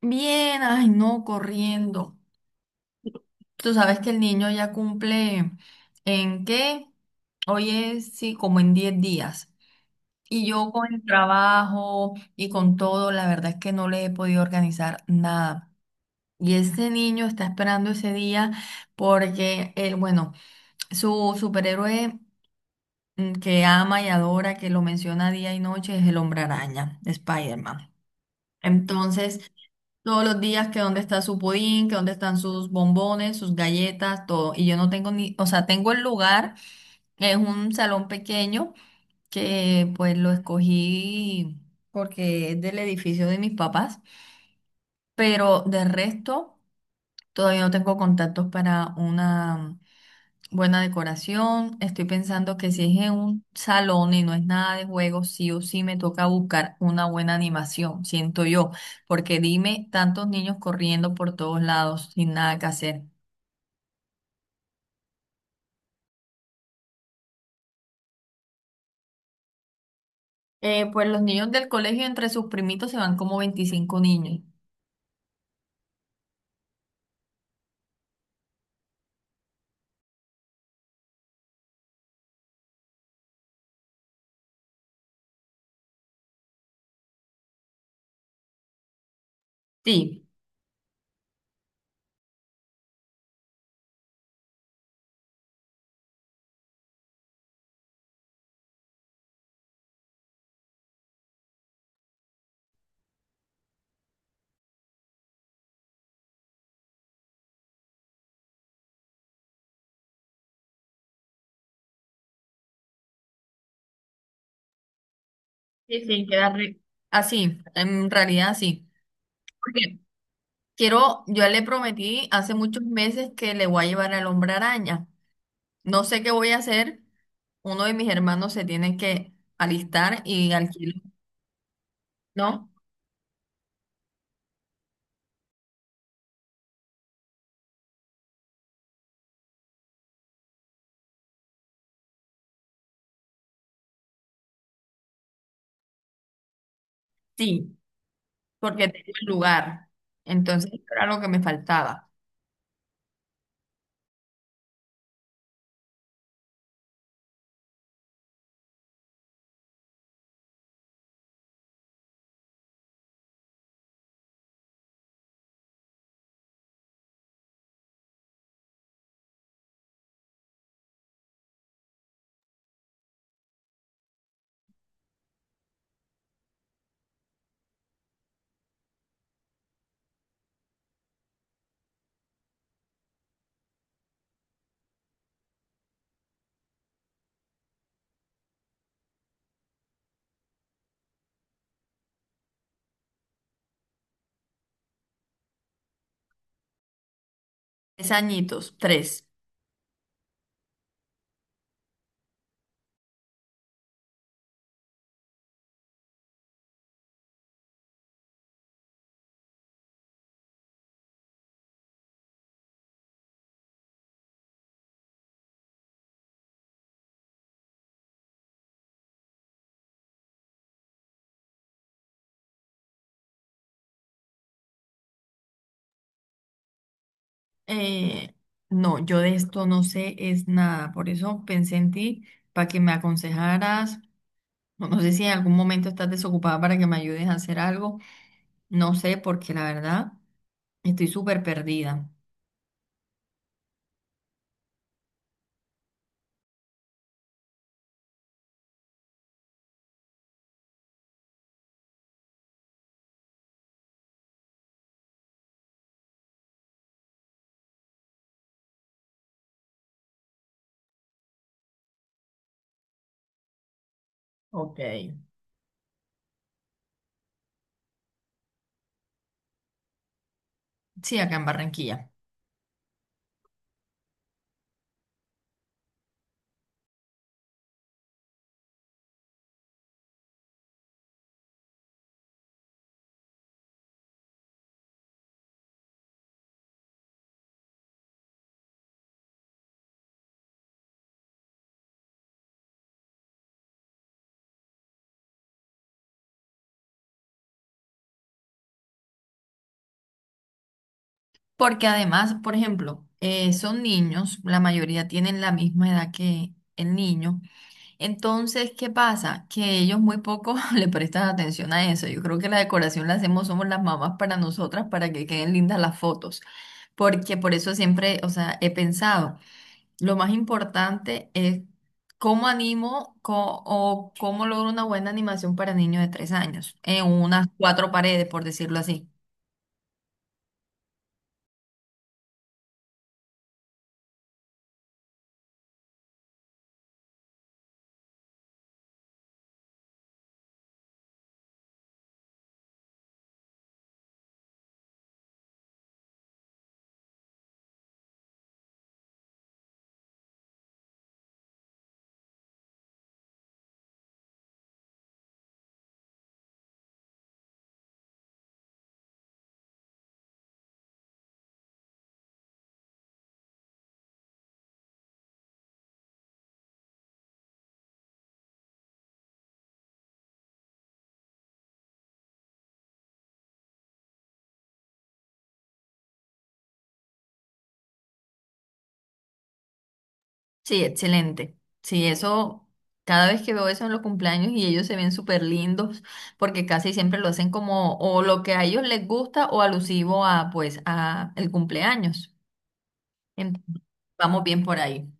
Bien, ay no, corriendo. Tú sabes que el niño ya cumple en qué, hoy es, sí, como en 10 días. Y yo con el trabajo y con todo, la verdad es que no le he podido organizar nada. Y ese niño está esperando ese día porque él, bueno, su superhéroe que ama y adora, que lo menciona día y noche, es el Hombre Araña, Spider-Man. Entonces, todos los días que dónde está su pudín, que dónde están sus bombones, sus galletas, todo. Y yo no tengo ni, o sea, tengo el lugar, es un salón pequeño que pues lo escogí porque es del edificio de mis papás, pero de resto todavía no tengo contactos para una buena decoración. Estoy pensando que si es en un salón y no es nada de juegos, sí o sí me toca buscar una buena animación, siento yo, porque dime, tantos niños corriendo por todos lados sin nada que hacer. Pues los niños del colegio entre sus primitos se van como 25 niños. Sí, sí, sí, queda así, en realidad sí. Porque quiero, yo le prometí hace muchos meses que le voy a llevar al hombre araña. No sé qué voy a hacer. Uno de mis hermanos se tiene que alistar y alquilar, ¿no? Sí, porque tengo el lugar. Entonces, esto era lo que me faltaba. 3 añitos, tres. Eh, no, yo de esto no sé es nada. Por eso pensé en ti para que me aconsejaras. No, no sé si en algún momento estás desocupada para que me ayudes a hacer algo. No sé, porque la verdad estoy súper perdida. Ok. Sí, acá en Barranquilla. Porque además, por ejemplo, son niños, la mayoría tienen la misma edad que el niño. Entonces, ¿qué pasa? Que ellos muy poco le prestan atención a eso. Yo creo que la decoración la hacemos, somos las mamás para nosotras, para que queden lindas las fotos. Porque por eso siempre, o sea, he pensado, lo más importante es cómo animo o cómo logro una buena animación para niños de 3 años, en unas cuatro paredes, por decirlo así. Sí, excelente. Sí, eso, cada vez que veo eso en los cumpleaños y ellos se ven súper lindos, porque casi siempre lo hacen como o lo que a ellos les gusta o alusivo a pues a el cumpleaños. Entonces, vamos bien por ahí.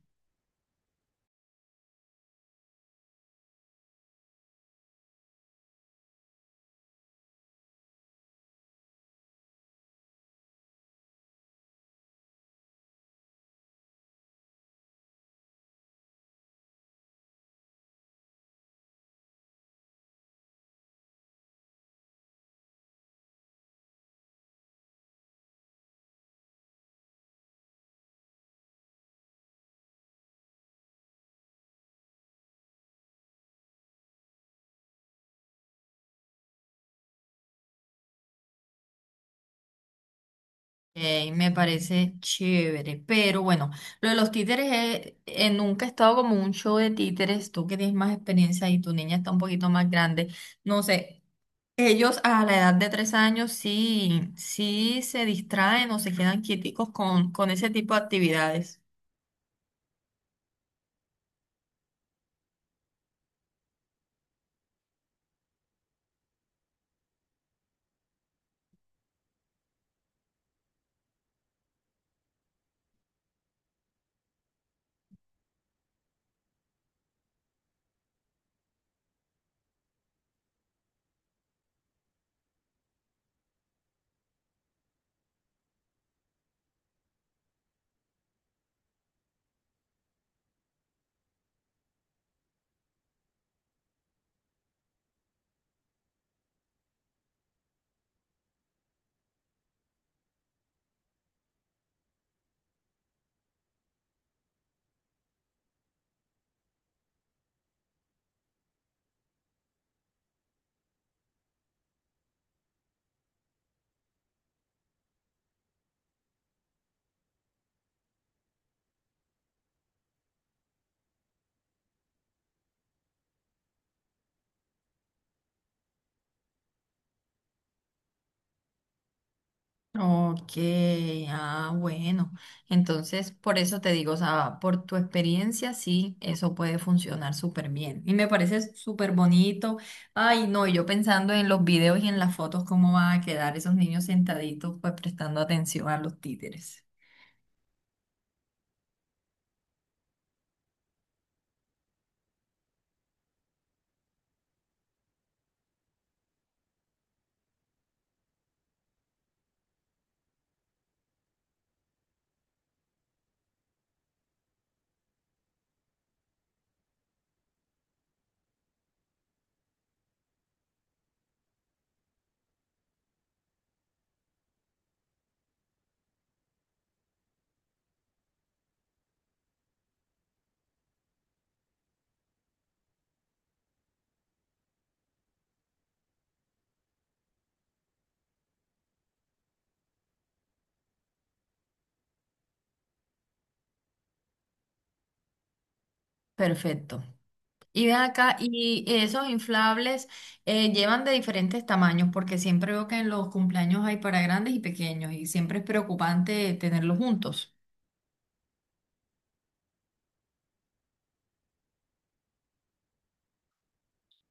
Ok, me parece chévere, pero bueno, lo de los títeres, nunca he estado como en un show de títeres, tú que tienes más experiencia y tu niña está un poquito más grande, no sé, ellos a la edad de 3 años sí, sí se distraen o se quedan quieticos con ese tipo de actividades. Ok, ah, bueno. Entonces, por eso te digo, o sea, por tu experiencia, sí, eso puede funcionar súper bien. Y me parece súper bonito. Ay, no, y yo pensando en los videos y en las fotos, cómo van a quedar esos niños sentaditos, pues prestando atención a los títeres. Perfecto. Y ven acá, y esos inflables llevan de diferentes tamaños, porque siempre veo que en los cumpleaños hay para grandes y pequeños, y siempre es preocupante tenerlos juntos.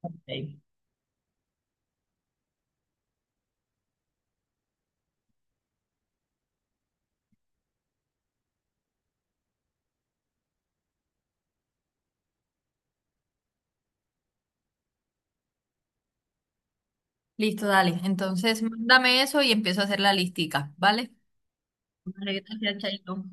Ok. Listo, dale. Entonces, mándame eso y empiezo a hacer la listica, ¿vale? Vale, gracias, Chaito.